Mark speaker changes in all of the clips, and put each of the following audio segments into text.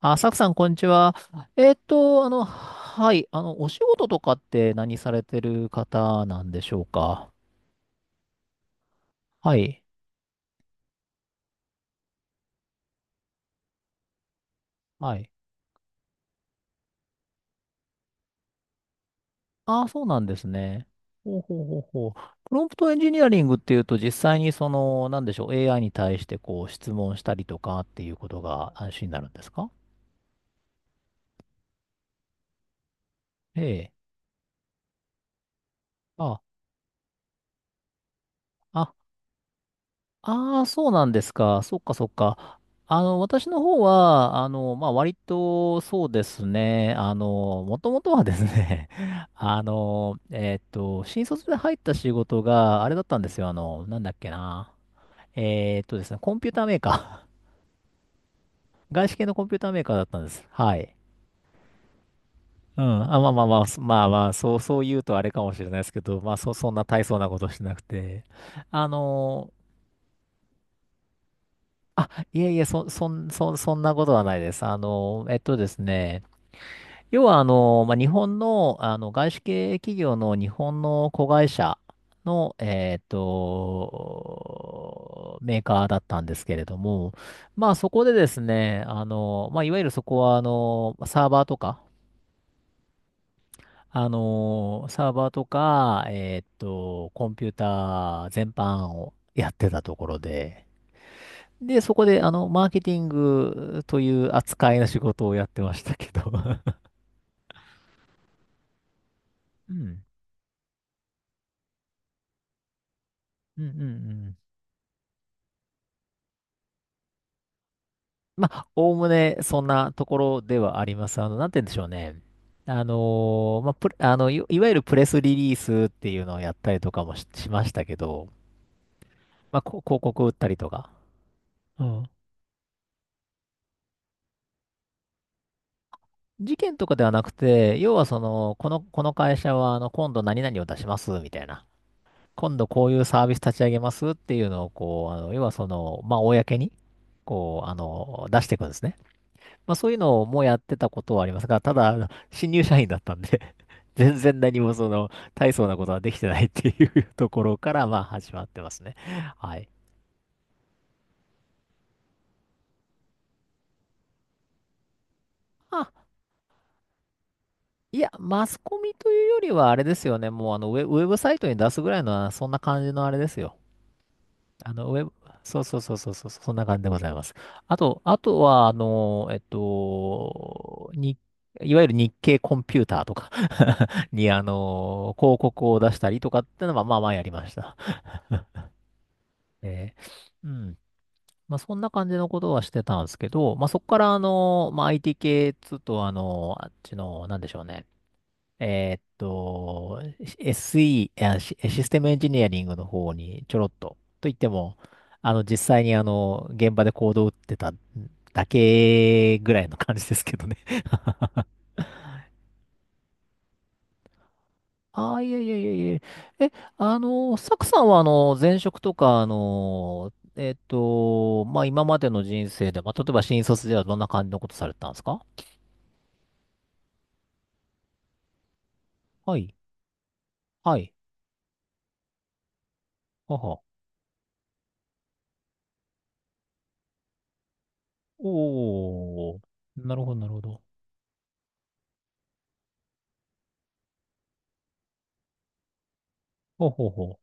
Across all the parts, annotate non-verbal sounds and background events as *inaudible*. Speaker 1: あ、サクさん、こんにちは。はい、お仕事とかって何されてる方なんでしょうか？はい、はい。あ、そうなんですね。ほうほうほうほう。プロンプトエンジニアリングっていうと、実際にその、なんでしょう、AI に対してこう、質問したりとかっていうことが安心になるんですか？ええ。あ、あ、ああ、そうなんですか。そっかそっか。私の方は、まあ、割とそうですね。もともとはですね、*laughs* 新卒で入った仕事があれだったんですよ。なんだっけな。ですね、コンピューターメーカー。*laughs* 外資系のコンピューターメーカーだったんです。はい。うん。あ、まあまあまあ、そまあまあ、そう、そう言うとあれかもしれないですけど、まあ、そんな大層なことしてなくて。あのあ、いえいえ、そんなことはないです。要は、まあ、日本の、外資系企業の日本の子会社の、メーカーだったんですけれども、まあ、そこでですね、まあ、いわゆるそこは、サーバーとか、コンピューター全般をやってたところで、で、そこで、マーケティングという扱いの仕事をやってましたけど。 *laughs* うん。うんうんうん。まあ、おおむねそんなところではあります。あの、なんて言うんでしょうね。あのまあ、いわゆるプレスリリースっていうのをやったりとかしましたけど、まあ、こ広告売ったりとか。うん。事件とかではなくて、要はその、この会社は、今度何々を出します、みたいな。今度こういうサービス立ち上げますっていうのを、要はその、まあ、公に、出していくんですね。まあ、そういうのもやってたことはありますが、ただ、あの新入社員だったんで、 *laughs* 全然何もその、大層なことはできてないっていう *laughs* ところから、まあ、始まってますね。はい。あ、いや、マスコミというよりは、あれですよね。もう、ウェブサイトに出すぐらいのそんな感じのあれですよ。あの、ウェブ、そうそうそうそうそう、そんな感じでございます。あとは、いわゆる日経コンピューターとか *laughs* に、広告を出したりとかってのは、まあまあやりました。えーうん。まあそんな感じのことはしてたんですけど、まあそこから、まあ IT 系っつうと、あの、あっちの、なんでしょうね。えーっと、SE、システムエンジニアリングの方にちょろっと、といっても、実際に現場でコードを打ってただけぐらいの感じですけどね。*laughs* ああ、いえいえいえいえ。え、サクさんはあの、前職とか、まあ、今までの人生で、まあ、例えば新卒ではどんな感じのことされてたんですか？はい。はい。はは。おー。なるほど、なるほど。ほうほうほ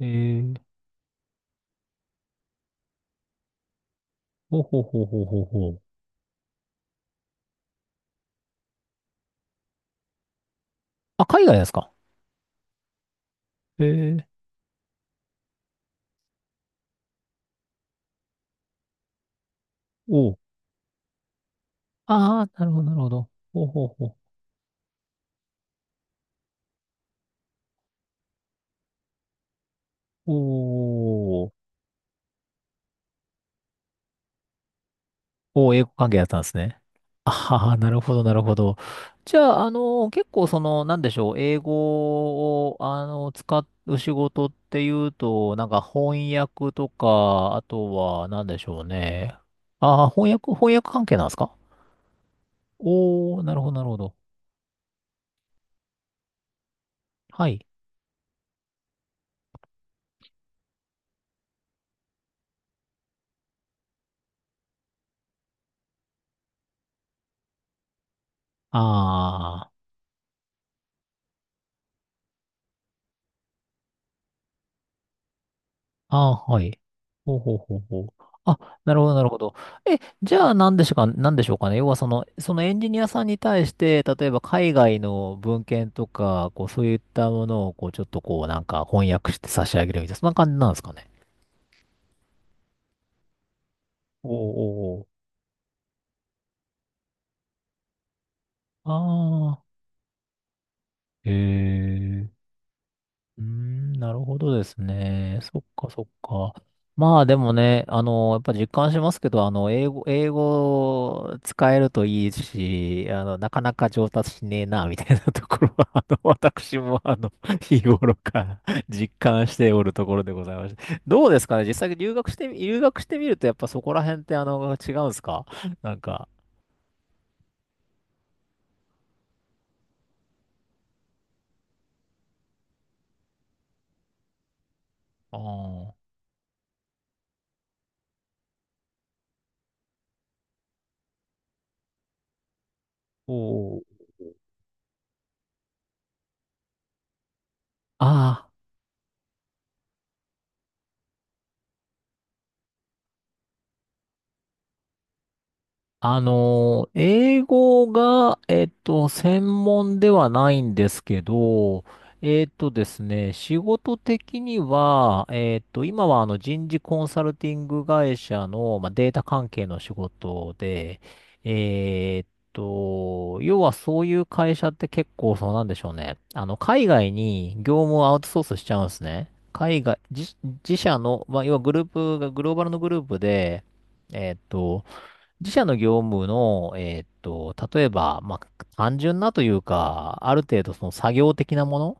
Speaker 1: う。えーほうほうほうほうほうほう。あ、海外ですか？ええ。おう。ああ、なるほど、なるほど。ほうほうほう。おーおー、英語関係だったんですね。ああ、なるほど、なるほど。じゃあ、結構その、なんでしょう、英語を、使う仕事っていうと、なんか翻訳とか、あとは、なんでしょうね。ああ、翻訳関係なんですか？おー、なるほど、なるほど。はい。ああ。ああ、はい。ほうほうほうほう。あ、なるほど、なるほど。え、じゃあ、なんでしょうか、なんでしょうかね。要は、そのエンジニアさんに対して、例えば、海外の文献とか、こう、そういったものを、こう、ちょっと、こう、なんか、翻訳して差し上げるみたいな、そんな感じなんですかね。おーおーおー。ああ。へえ。うーん、なるほどですね。そっかそっか。まあでもね、やっぱ実感しますけど、あの、英語使えるといいし、なかなか上達しねえな、みたいなところは、私も、あの、*laughs* 日頃から実感しておるところでございまして。どうですかね、実際に留学してみると、やっぱそこら辺って、違うんですか？なんか、あーおーああ。あのー、英語が、専門ではないんですけど、えっとですね、仕事的には、今はあの人事コンサルティング会社の、まあ、データ関係の仕事で、要はそういう会社って結構そうなんでしょうね。海外に業務をアウトソースしちゃうんですね。海外、自、自社の、まあ、要はグループが、グローバルのグループで、えっと、自社の業務の、例えば、まあ、単純なというか、ある程度その作業的なもの、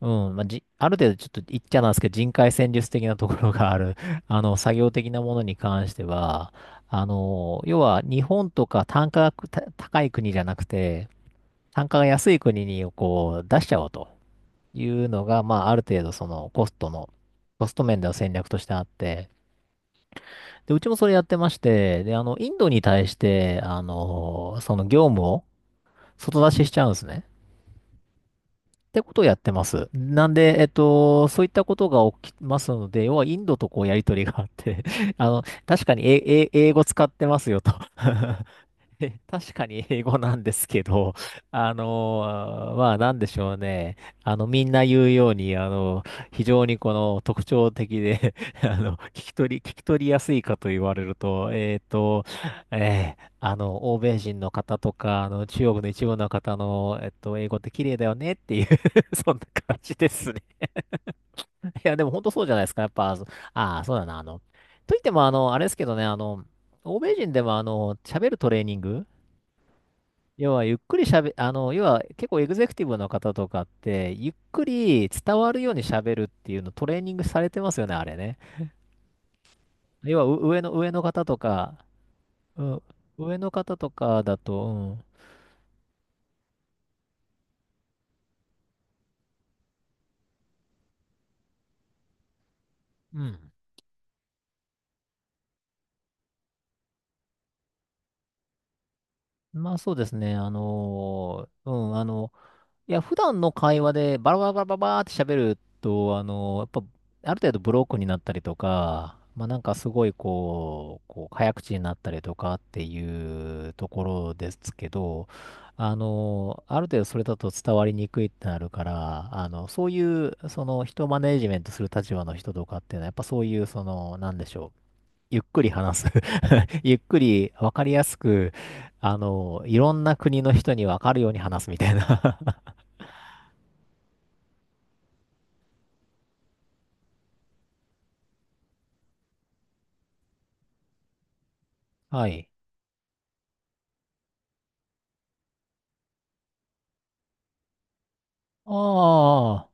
Speaker 1: うん、まあ、ある程度ちょっと言っちゃなんですけど、人海戦術的なところがある、*laughs* 作業的なものに関しては、要は日本とか単価がた高い国じゃなくて、単価が安い国にこう出しちゃおうというのが、まあ、ある程度そのコストの、コスト面での戦略としてあって、で、うちもそれやってまして、で、インドに対して、その業務を外出ししちゃうんですね。ってことをやってます。なんで、そういったことが起きますので、要はインドとこうやりとりがあって、*laughs* あの、確かに英語使ってますよと。 *laughs* え。 *laughs* 確かに英語なんですけど、*laughs* あのまあなんでしょうね。みんな言うように、非常にこの特徴的で、 *laughs* あの、聞き取りやすいかと言われると、欧米人の方とか、中国の一部の方の、英語って綺麗だよねっていう。 *laughs* そんな感じですね。いや、でも本当そうじゃないですか。やっぱ、そああ、そうだな。あの、といっても、あの、あれですけどね、欧米人でも、喋るトレーニング、要はゆっくりしゃべ、あの、要は結構エグゼクティブの方とかって、ゆっくり伝わるようにしゃべるっていうのトレーニングされてますよね、あれね。要はう上の、上の方とか、うん、上の方とかだと、うん。うん。まあそうですね、いや、普段の会話でバラバラバラバラバーって喋ると、やっぱ、ある程度ブロックになったりとか、まあなんかすごい早口になったりとかっていうところですけど、ある程度それだと伝わりにくいってなるから、そういう、その、人をマネージメントする立場の人とかっていうのは、やっぱそういう、その、なんでしょう。ゆっくり話す。*laughs* ゆっくり、わかりやすく、いろんな国の人にわかるように話すみたいな。*laughs* はい。ああ、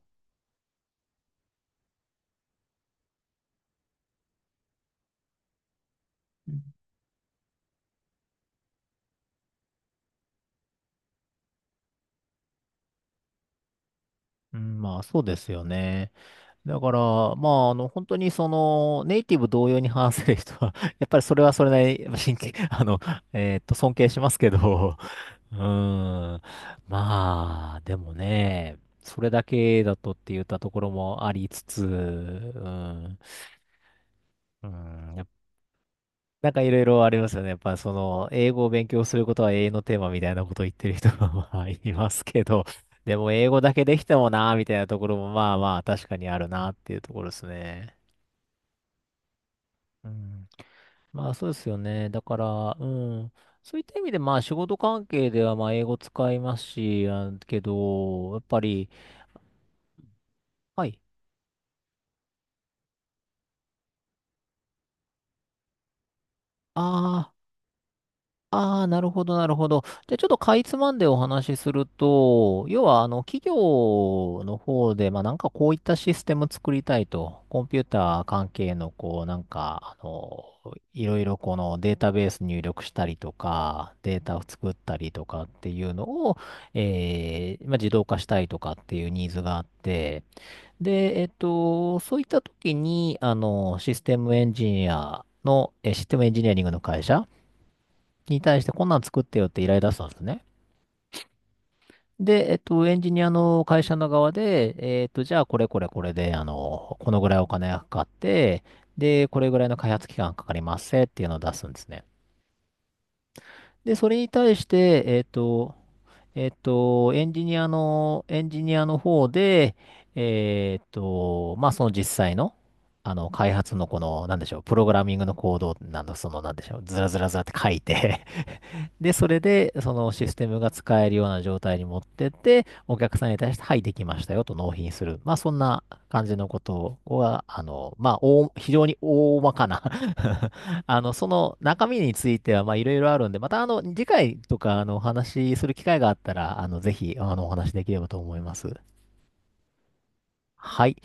Speaker 1: うん、まあそうですよね。だから、まあ本当にそのネイティブ同様に話せる人は、*laughs* やっぱりそれはそれなりに、やっぱ真剣、*laughs* 尊敬しますけど、*laughs* うーん、まあ、でもね、それだけだとって言ったところもありつつ、うん、うん、やっなんかいろいろありますよね。やっぱその、英語を勉強することは永遠のテーマみたいなことを言ってる人が *laughs* まあいますけど、でも英語だけできてもなーみたいなところもまあまあ確かにあるなっていうところですね。うん。まあそうですよね。だから、うん。そういった意味でまあ仕事関係ではまあ英語使いますし、あけど、やっぱり、はい。ああ。ああ、なるほど、なるほど。じゃあ、ちょっとかいつまんでお話しすると、要は、企業の方で、まあ、なんかこういったシステム作りたいと、コンピューター関係の、こう、いろいろこのデータベース入力したりとか、データを作ったりとかっていうのを、えー、まあ、自動化したいとかっていうニーズがあって、で、えっと、そういった時に、システムエンジニアリングの会社に対してこんなん作ってよって依頼出したんですね。で、えっと、エンジニアの会社の側で、えっと、じゃあこれこれこれで、このぐらいお金がかかって、で、これぐらいの開発期間かかりますせっていうのを出すんですね。で、それに対して、えっと、エンジニアの方で、えっと、まあ、その実際の、開発のこの、なんでしょう、プログラミングのコード、なんだ、その、なんでしょう、ずらずらずらって書いてで、それで、そのシステムが使えるような状態に持ってって、お客さんに対して、はい、できましたよと納品する。まあ、そんな感じのことは、まあ、非常に大まかな *laughs* その中身については、まあ、いろいろあるんで、また、次回とか、お話しする機会があったら、あの、ぜひ、お話しできればと思います。はい。